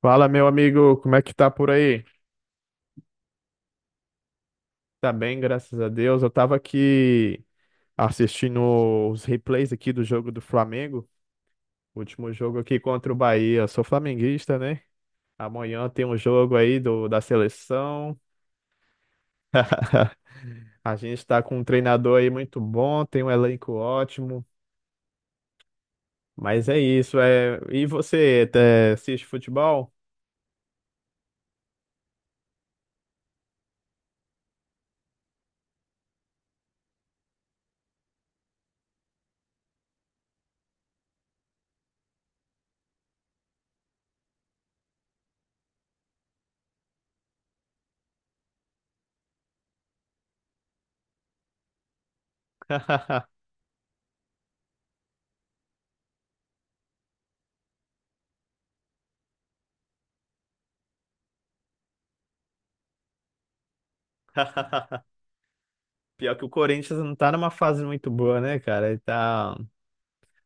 Fala, meu amigo, como é que tá por aí? Tá bem, graças a Deus. Eu tava aqui assistindo os replays aqui do jogo do Flamengo, último jogo aqui contra o Bahia. Eu sou flamenguista, né? Amanhã tem um jogo aí da seleção. A gente tá com um treinador aí muito bom, tem um elenco ótimo. Mas é isso, é. E você, assiste futebol? Pior que o Corinthians não tá numa fase muito boa, né, cara? Ele tá.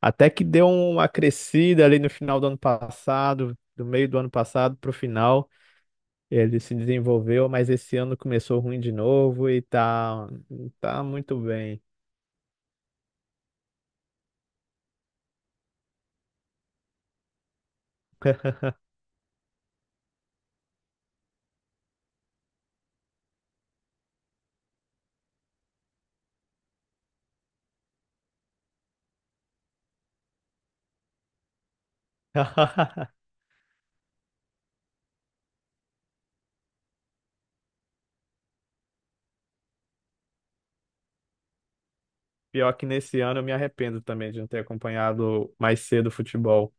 Até que deu uma crescida ali no final do ano passado, do meio do ano passado para o final, ele se desenvolveu, mas esse ano começou ruim de novo e tá muito bem. Pior que nesse ano eu me arrependo também de não ter acompanhado mais cedo o futebol,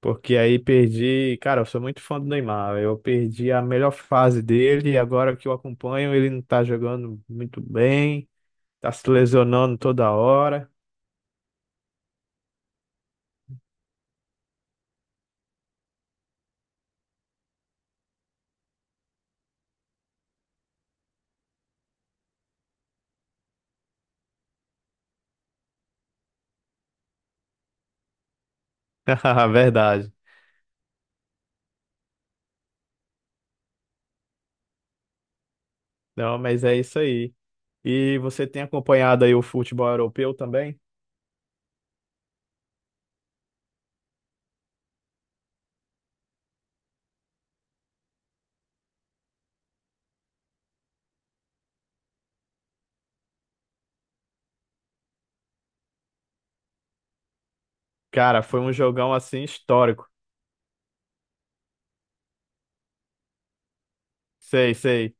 porque aí perdi, cara, eu sou muito fã do Neymar, eu perdi a melhor fase dele e agora que eu acompanho ele não tá jogando muito bem, tá se lesionando toda hora. Verdade. Não, mas é isso aí. E você tem acompanhado aí o futebol europeu também? Cara, foi um jogão assim histórico. Sei, sei.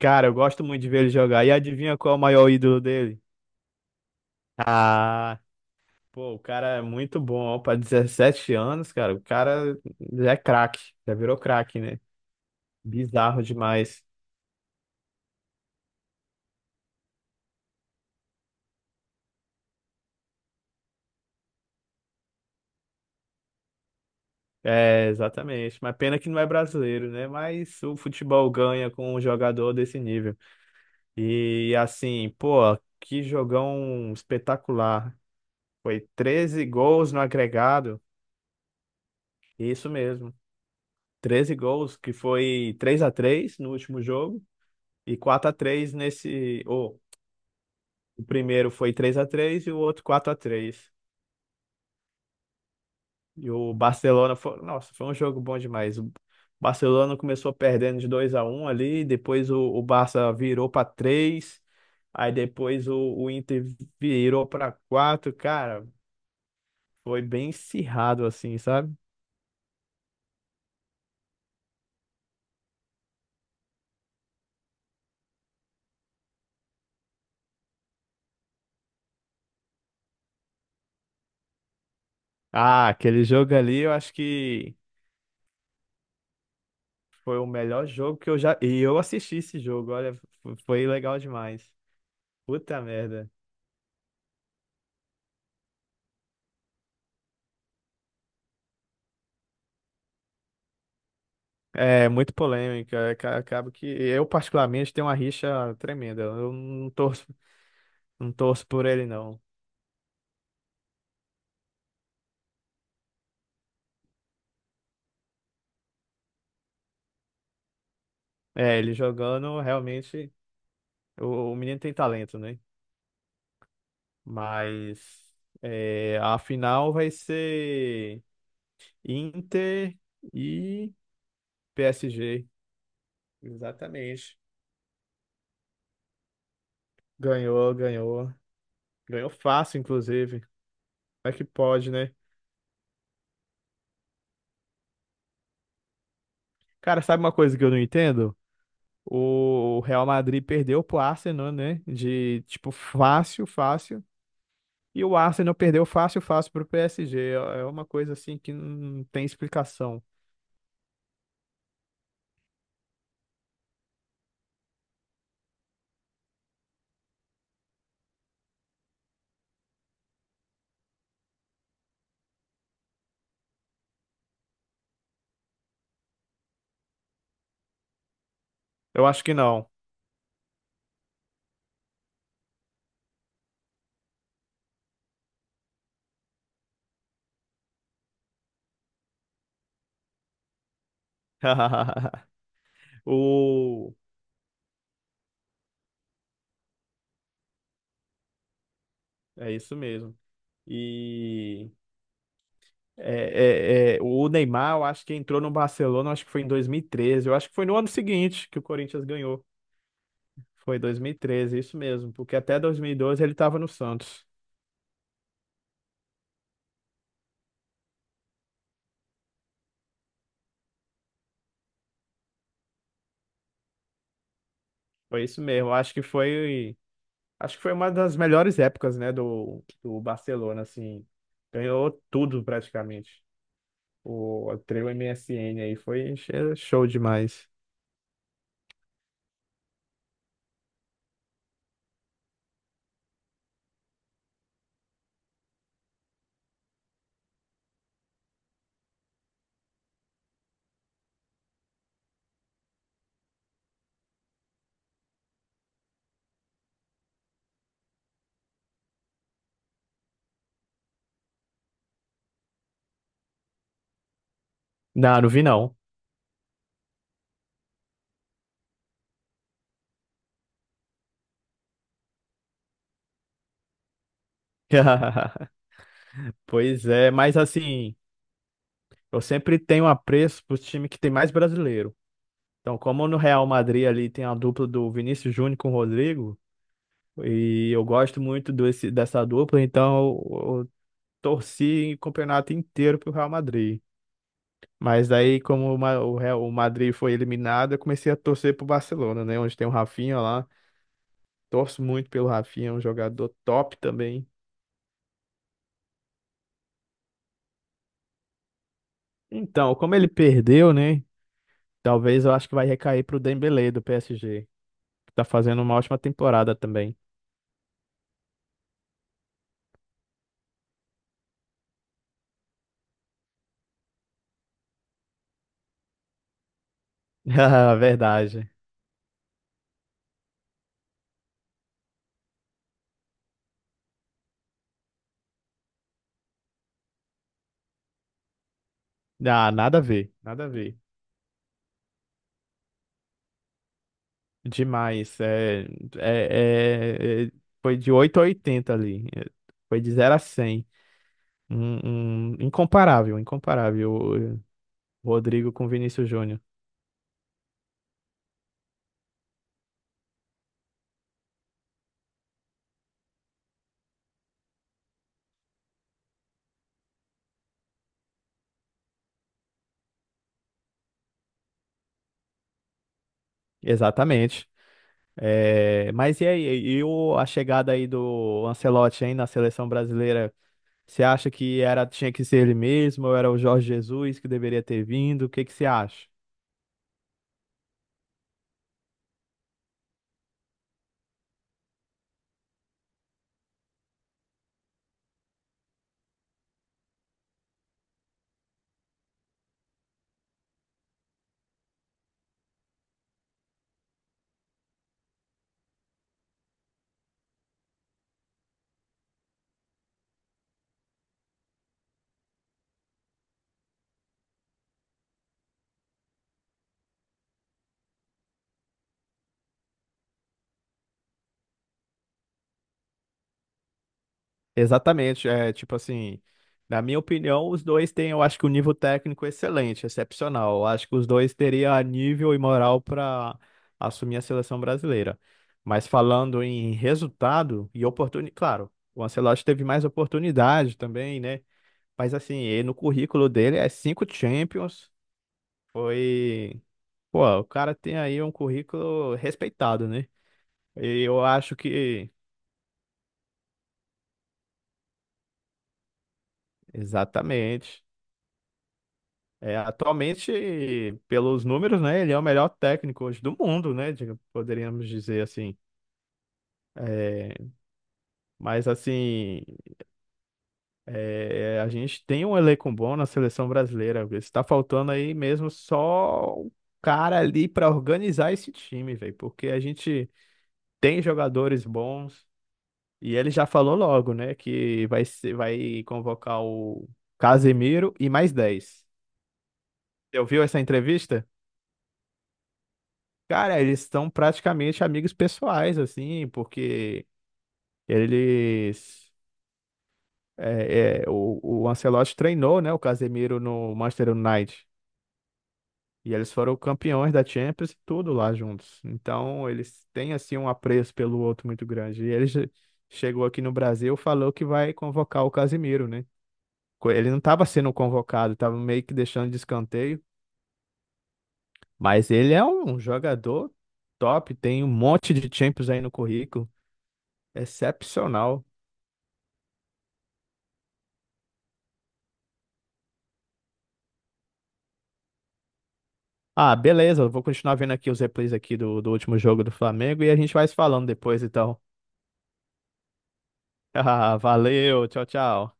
Cara, eu gosto muito de ver ele jogar. E adivinha qual é o maior ídolo dele? Ah, pô, o cara é muito bom. Para 17 anos, cara, o cara é craque. Já virou craque, né? Bizarro demais. É, exatamente. Mas pena que não é brasileiro, né? Mas o futebol ganha com um jogador desse nível. E assim, pô, que jogão espetacular. Foi 13 gols no agregado. Isso mesmo. 13 gols, que foi 3-3 no último jogo e 4-3 nesse, o primeiro foi 3-3 e o outro 4-3. E o Barcelona foi, nossa, foi um jogo bom demais. O Barcelona começou perdendo de 2-1 ali, depois o Barça virou para três, aí depois o Inter virou para quatro, cara. Foi bem acirrado, assim, sabe? Ah, aquele jogo ali, eu acho que foi o melhor jogo que eu já. E eu assisti esse jogo, olha, foi legal demais. Puta merda. É, muito polêmica. Acaba que eu, particularmente, tenho uma rixa tremenda. Eu não torço, não torço por ele, não. É, ele jogando, realmente, o menino tem talento, né? Mas é, a final vai ser Inter e PSG. Exatamente. Ganhou, ganhou. Ganhou fácil, inclusive. Como é que pode, né? Cara, sabe uma coisa que eu não entendo? O Real Madrid perdeu pro Arsenal, né? De tipo, fácil, fácil. E o Arsenal perdeu fácil, fácil pro PSG. É uma coisa assim que não tem explicação. Eu acho que não. O... É isso mesmo. E. o Neymar, eu acho que entrou no Barcelona, eu acho que foi em 2013, eu acho que foi no ano seguinte que o Corinthians ganhou. Foi 2013, isso mesmo, porque até 2012 ele estava no Santos. Foi isso mesmo. Acho que foi uma das melhores épocas, né, do Barcelona, assim. Ganhou tudo praticamente. O trio MSN aí foi show demais. Não, não vi não. Pois é, mas assim, eu sempre tenho apreço pro time que tem mais brasileiro. Então, como no Real Madrid ali tem a dupla do Vinícius Júnior com o Rodrigo, e eu gosto muito desse, dessa dupla, então eu torci o campeonato inteiro pro Real Madrid. Mas aí, como o, Ma- o Real, o Madrid foi eliminado, eu comecei a torcer pro Barcelona, né? Onde tem o Rafinha lá. Torço muito pelo Rafinha, é um jogador top também. Então, como ele perdeu, né? Talvez eu acho que vai recair pro Dembélé do PSG, que tá fazendo uma ótima temporada também. Ah, verdade. Ah, nada a ver, nada a ver. Demais. É, é- é- foi de 8 a 80 ali. Foi de zero a cem. Incomparável, incomparável. O Rodrigo com o Vinícius Júnior. Exatamente. É, mas e aí? E a chegada aí do Ancelotti, hein, na seleção brasileira? Você acha que era, tinha que ser ele mesmo ou era o Jorge Jesus que deveria ter vindo? O que que você acha? Exatamente, é tipo assim, na minha opinião, os dois têm, eu acho que um nível técnico excelente, excepcional. Eu acho que os dois teriam nível e moral para assumir a seleção brasileira. Mas falando em resultado e oportunidade, claro, o Ancelotti teve mais oportunidade também, né? Mas assim, no currículo dele é cinco Champions, foi, pô, o cara tem aí um currículo respeitado, né? E eu acho que exatamente. É, atualmente, pelos números, né, ele é o melhor técnico hoje do mundo, né, poderíamos dizer assim. É, mas assim, a gente tem um elenco bom na seleção brasileira. Está faltando aí mesmo só o cara ali para organizar esse time, velho, porque a gente tem jogadores bons e ele já falou logo, né, que vai convocar o Casemiro e mais 10. Você ouviu essa entrevista? Cara, eles estão praticamente amigos pessoais, assim, porque eles. O Ancelotti treinou, né, o Casemiro no Manchester United. E eles foram campeões da Champions e tudo lá juntos. Então, eles têm, assim, um apreço pelo outro muito grande. E ele chegou aqui no Brasil, falou que vai convocar o Casemiro, né? Ele não estava sendo convocado, estava meio que deixando de escanteio. Mas ele é um jogador top, tem um monte de Champions aí no currículo. Excepcional. Ah, beleza, eu vou continuar vendo aqui os replays aqui do último jogo do Flamengo e a gente vai se falando depois, então. Ah, valeu, tchau, tchau.